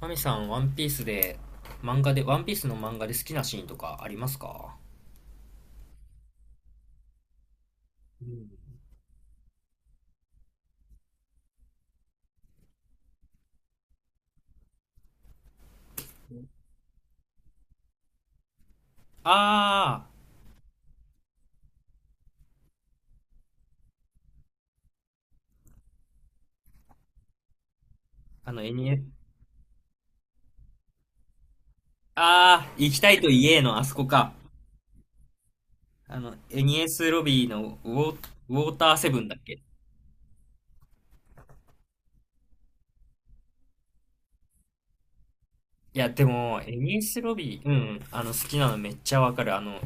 マミさん、ワンピースの漫画で好きなシーンとかありますか？うん。ああー、あの、エニエ、ああ、行きたいと言えの、あそこか。エニエスロビーのウォーターセブンだっけ？いや、でも、エニエスロビー、うん、好きなのめっちゃわかる。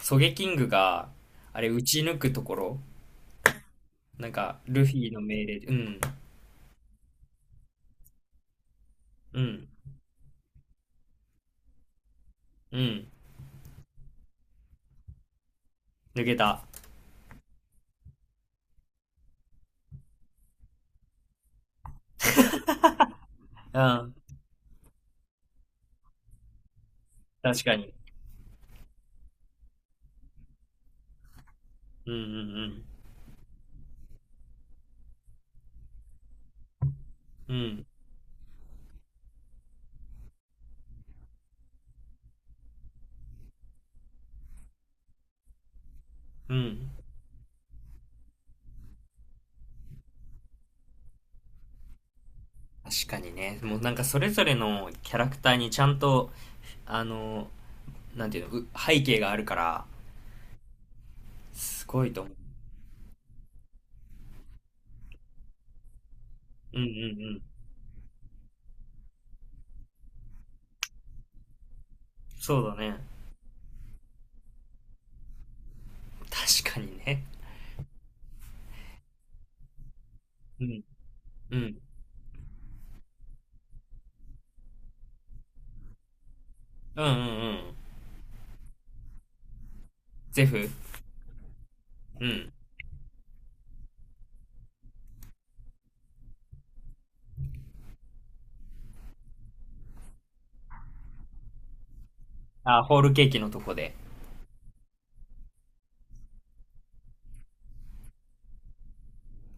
ソゲキングが、あれ、撃ち抜くところ、なんか、ルフィの命令で、うん、うん、うん、抜けた。うん、確かに。うん、うん、うん、うん、うん。確かにね、もうなんかそれぞれのキャラクターにちゃんと、あの、なんていうの、背景があるから、すごいと思う。うんうんうん。そうだね。確かにね。うん。うん。うんうんうん。ゼフ。うん。あ、ホールケーキのとこで。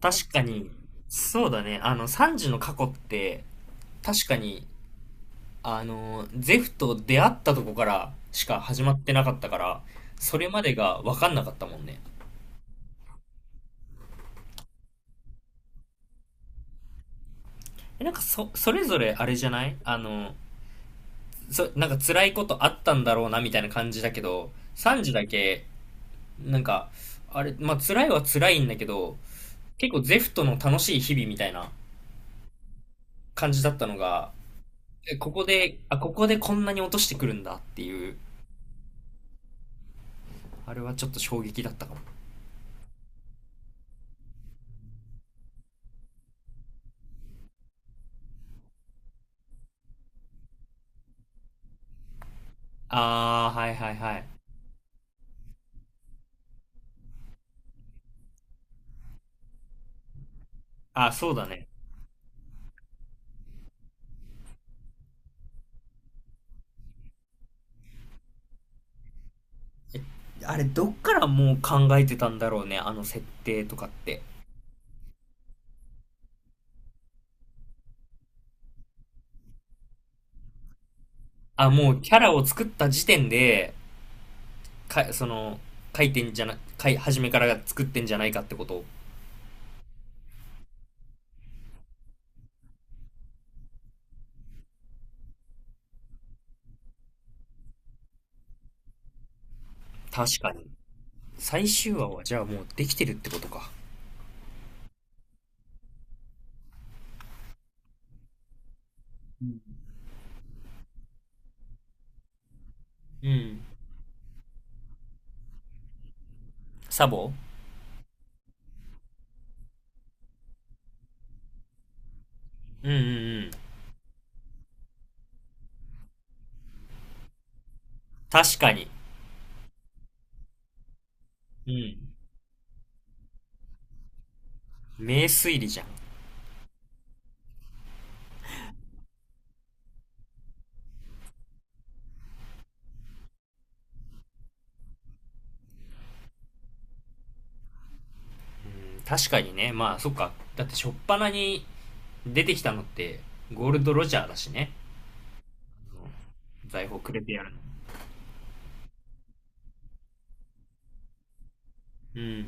確かに、そうだね。サンジの過去って、確かに、ゼフと出会ったとこからしか始まってなかったから、それまでが分かんなかったもんね。なんかそれぞれあれじゃないなんか辛いことあったんだろうなみたいな感じだけど、サンジだけ、なんか、まあ辛いは辛いんだけど、結構ゼフトの楽しい日々みたいな感じだったのが、えここで、あ、ここでこんなに落としてくるんだっていう、あれはちょっと衝撃だったかも。あー、はいはいはい。あ、そうだね。あれ、どっからもう考えてたんだろうね、あの設定とかって。あ、もうキャラを作った時点で、か、その、書いてんじゃな、書い、初めから作ってんじゃないかってこと。確かに。最終話はじゃあもうできてるってことか？うん。うん。サボ。うんうんうん。確かに。うん。名推理じゃん。うん、確かにね。まあ、そっか。だって、初っ端に出てきたのって、ゴールド・ロジャーだしね。うん。財宝くれてやるの。うん。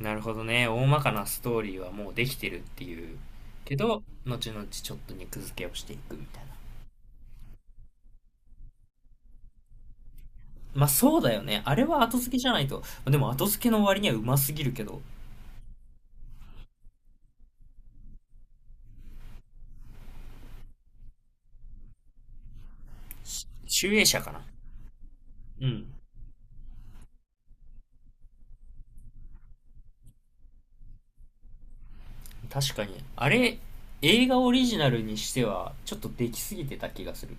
なるほどね。大まかなストーリーはもうできてるっていう。けど、後々ちょっと肉付けをしていくみたいな。まあ、そうだよね。あれは後付けじゃないと。でも、後付けの割にはうますぎるけど、集英社かな。うん。確かに。あれ、映画オリジナルにしては、ちょっとできすぎてた気がする。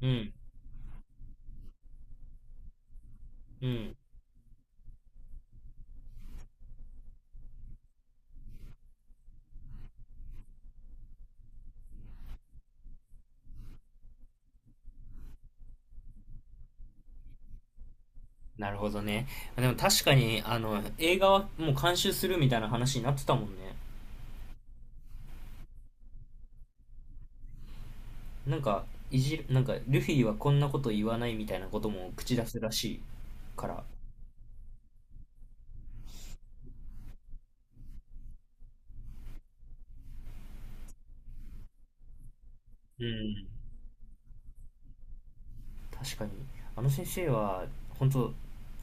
うん、うん。なるほどね。でも確かに、映画はもう監修するみたいな話になってたもんね。なんか、なんか、ルフィはこんなこと言わないみたいなことも口出すらしいから。うん。確かに。あの先生は、本当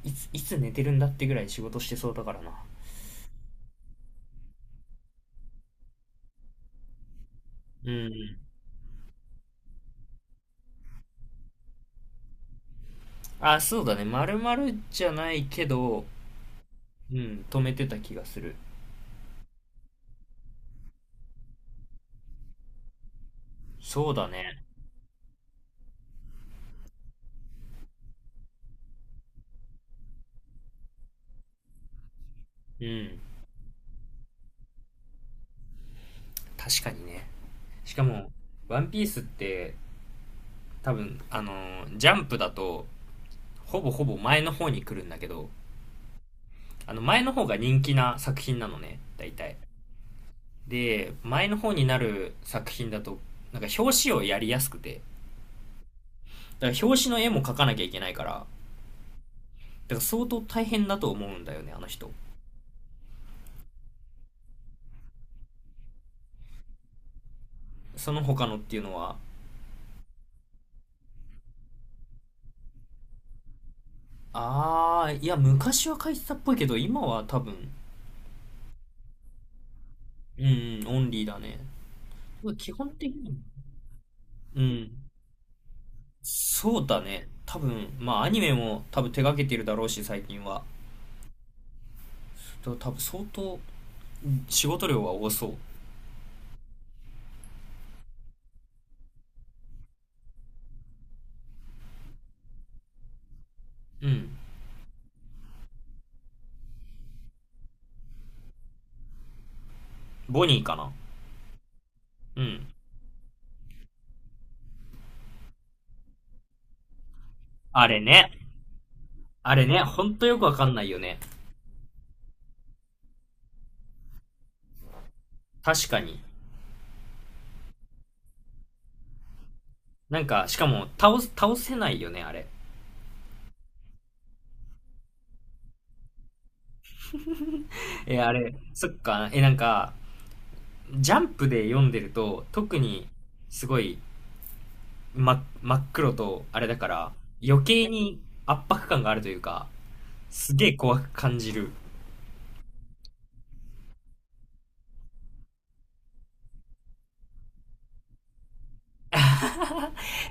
いつ寝てるんだってぐらい仕事してそうだからな。うん。あ、そうだね。まるまるじゃないけど、うん、止めてた気がする。そうだね。うん。確かにね。しかも、ワンピースって多分、ジャンプだと、ほぼほぼ前の方に来るんだけど、あの前の方が人気な作品なのね、大体。で、前の方になる作品だと、なんか表紙をやりやすくて、だから表紙の絵も描かなきゃいけないから、だから相当大変だと思うんだよね、あの人。その他のっていうのは、あー、いや、昔は描いてたっぽいけど、今は多分、うん、オンリーだね。基本的に。うん。そうだね。多分、まあアニメも多分手掛けてるだろうし、最近は。多分相当仕事量が多そう。うん。ボニーかな。うん。あれね。あれね、ほんとよくわかんないよね。確かに。なんか、しかも、倒せないよね、あれ。あれ、そっか、なんか、ジャンプで読んでると、特に、すごい、真っ黒と、あれだから、余計に圧迫感があるというか、すげえ怖く感じる。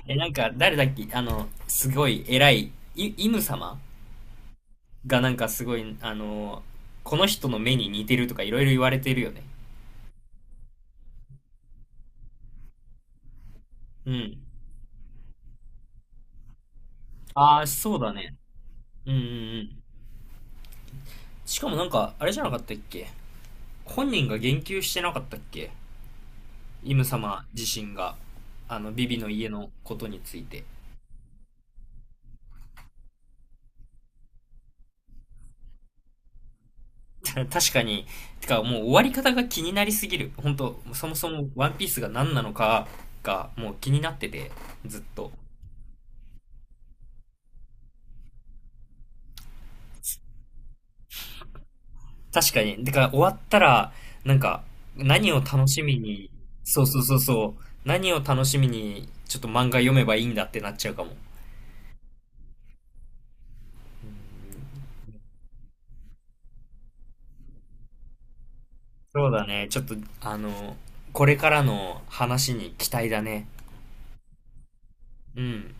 なんか、誰だっけすごい偉い、イム様がなんかすごい、この人の目に似てるとかいろいろ言われてるよね。うん。ああ、そうだね。うんうんうん。しかもなんか、あれじゃなかったっけ？本人が言及してなかったっけ？イム様自身が、ビビの家のことについて。確かに、てかもう終わり方が気になりすぎる。本当そもそもワンピースが何なのかがもう気になってて、ずっと。確かに。だから終わったら、なんか、何を楽しみに、そうそうそうそう、何を楽しみに、ちょっと漫画読めばいいんだってなっちゃうかも。そうだね。ちょっと、あの、これからの話に期待だね。うん。